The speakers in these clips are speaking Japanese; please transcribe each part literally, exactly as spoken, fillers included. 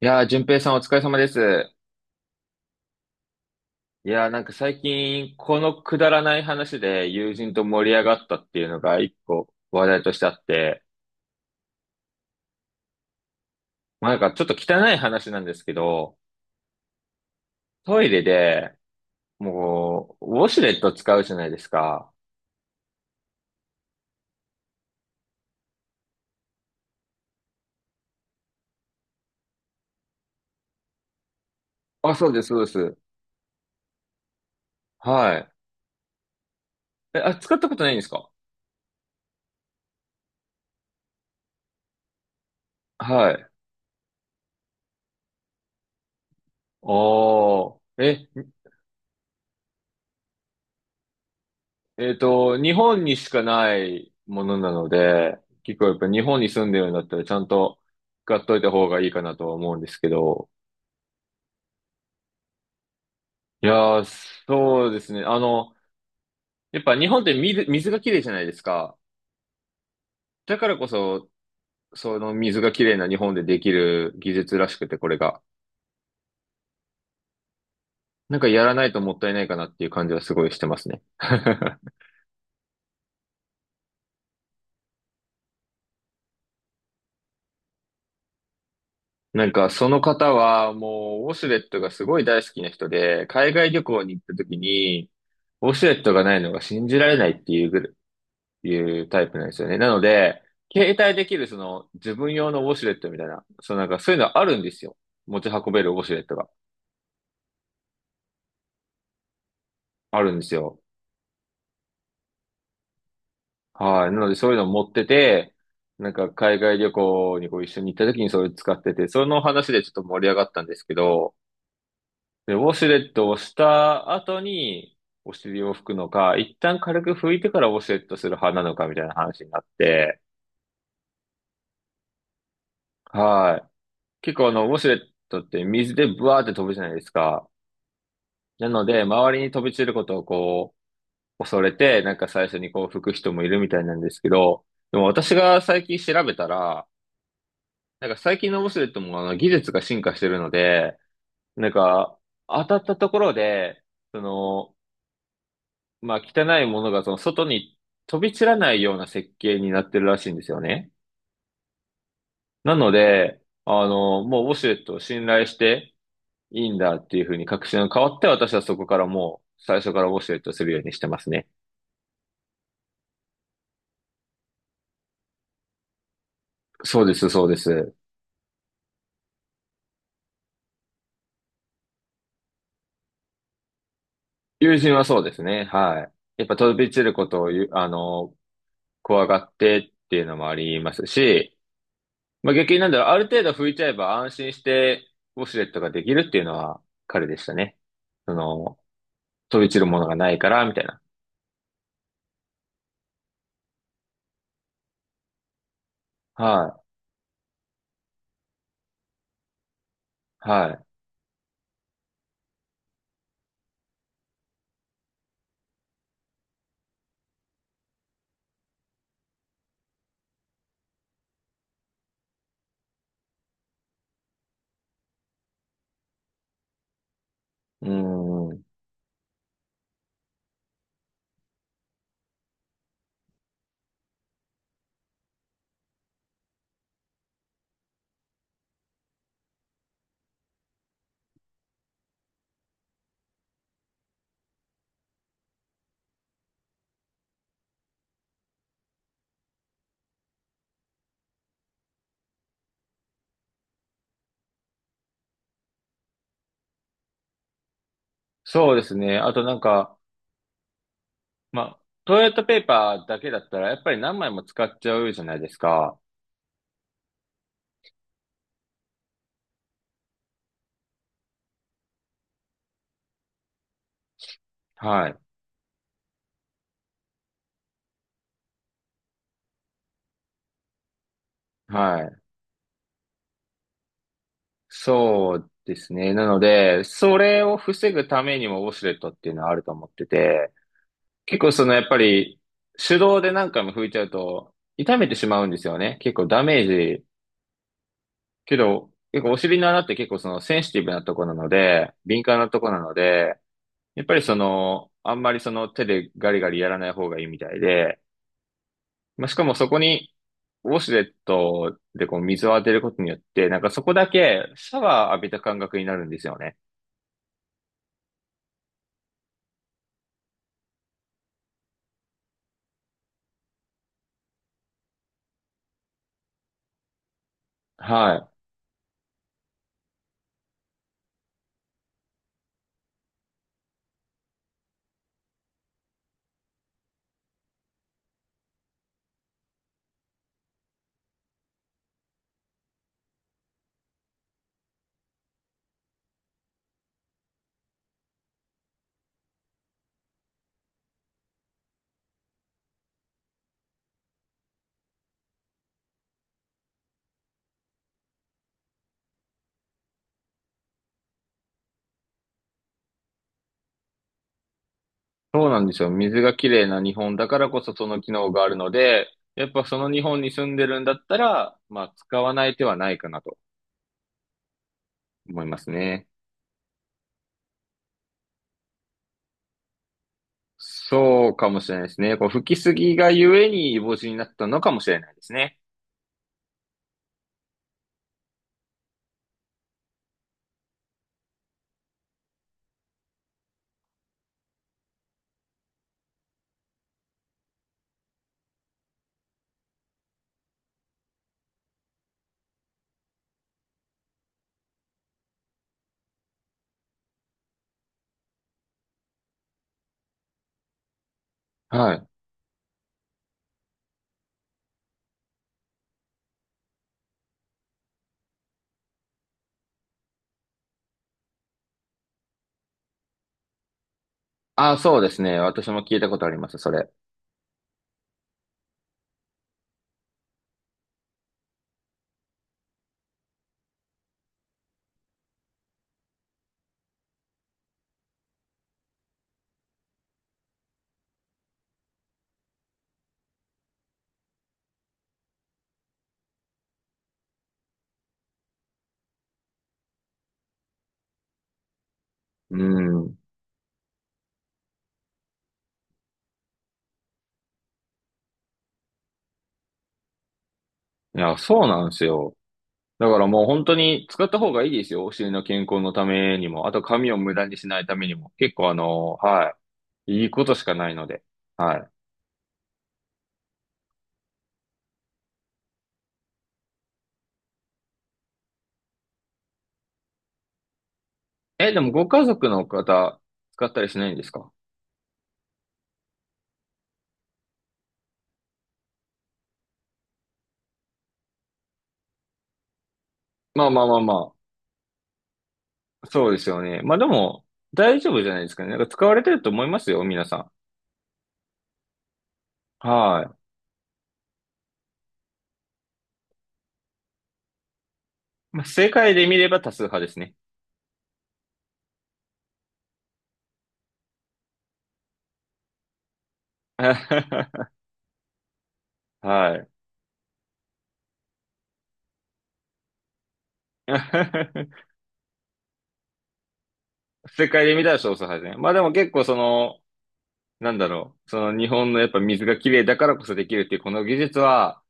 いやー、淳平さんお疲れ様です。いやー、なんか最近、このくだらない話で友人と盛り上がったっていうのが一個話題としてあって、まあ、なんかちょっと汚い話なんですけど、トイレで、もう、ウォシュレット使うじゃないですか。あ、そうです、そうです。はい。え、あ、使ったことないんですか？はい。おー。え、えっと、日本にしかないものなので、結構やっぱ日本に住んでるんだったらちゃんと使っといた方がいいかなとは思うんですけど、いやー、そうですね。あの、やっぱ日本って水、水がきれいじゃないですか。だからこそ、その水がきれいな日本でできる技術らしくて、これが。なんかやらないともったいないかなっていう感じはすごいしてますね。なんかその方はもうウォシュレットがすごい大好きな人で、海外旅行に行った時に、ウォシュレットがないのが信じられないっていうぐらいうタイプなんですよね。なので、携帯できるその自分用のウォシュレットみたいな、そのなんかそういうのあるんですよ。持ち運べるウォシュレットがあるんですよ。はい。なのでそういうの持ってて、なんか海外旅行にこう一緒に行った時にそれ使ってて、その話でちょっと盛り上がったんですけど、で、ウォシュレットをした後にお尻を拭くのか、一旦軽く拭いてからウォシュレットする派なのかみたいな話になって、はい。結構あの、ウォシュレットって水でブワーって飛ぶじゃないですか。なので、周りに飛び散ることをこう、恐れて、なんか最初にこう吹く人もいるみたいなんですけど、でも私が最近調べたら、なんか最近のオシュレットもあの技術が進化してるので、なんか当たったところで、その、まあ汚いものがその外に飛び散らないような設計になってるらしいんですよね。なので、あの、もうウォシュレットを信頼していいんだっていうふうに確信が変わって、私はそこからもう最初からウォシュレットするようにしてますね。そうです、そうです。友人はそうですね。はい。やっぱ飛び散ることをゆ、あの、怖がってっていうのもありますし、まあ、逆になんだろう、ある程度拭いちゃえば安心してウォシュレットができるっていうのは彼でしたね。その、飛び散るものがないから、みたいな。はい。はい。うん。そうですね。あとなんか、まあ、トイレットペーパーだけだったら、やっぱり何枚も使っちゃうじゃないですか。はい。はい。そうですね。なので、それを防ぐためにもウォシュレットっていうのはあると思ってて、結構そのやっぱり手動で何回も拭いちゃうと痛めてしまうんですよね。結構ダメージ。けど、結構お尻の穴って結構そのセンシティブなとこなので、敏感なとこなので、やっぱりその、あんまりその手でガリガリやらない方がいいみたいで、まあ、しかもそこにウォシュレットでこう水を当てることによって、なんかそこだけシャワー浴びた感覚になるんですよね。はい。そうなんですよ。水がきれいな日本だからこそその機能があるので、やっぱその日本に住んでるんだったら、まあ使わない手はないかなと思いますね。そうかもしれないですね。こう吹きすぎがゆえに帽子になったのかもしれないですね。はい。あ、そうですね。私も聞いたことあります、それ。うん。いや、そうなんですよ。だからもう本当に使った方がいいですよ。お尻の健康のためにも。あと髪を無駄にしないためにも。結構あの、はい。いいことしかないので。はい。え、でもご家族の方、使ったりしないんですか？まあまあまあまあ、そうですよね。まあでも、大丈夫じゃないですかね。なんか使われてると思いますよ、皆さん。はい。まあ、世界で見れば多数派ですね。はい。世界で見たら少数派ですね。まあでも結構その、なんだろう、その日本のやっぱ水が綺麗だからこそできるっていうこの技術は、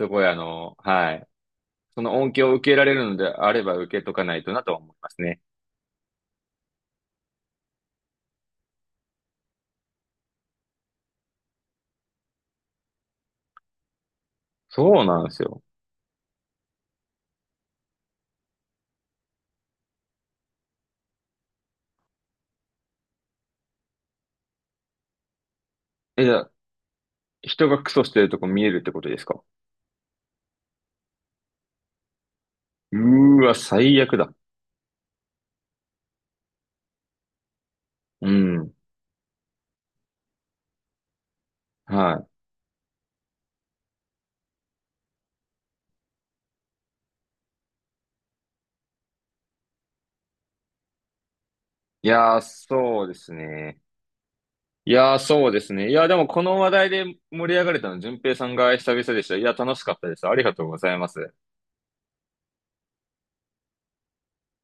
すごいあの、はい。その恩恵を受けられるのであれば受けとかないとなとは思いますね。そうなんですよ。え、じゃあ人がクソしてるとこ見えるってことですか？うーわ、最悪だ。うん。はい。いやー、そうですね。いやー、そうですね。いやー、でもこの話題で盛り上がれたの、淳平さんが久々でした。いや、楽しかったです。ありがとうございます。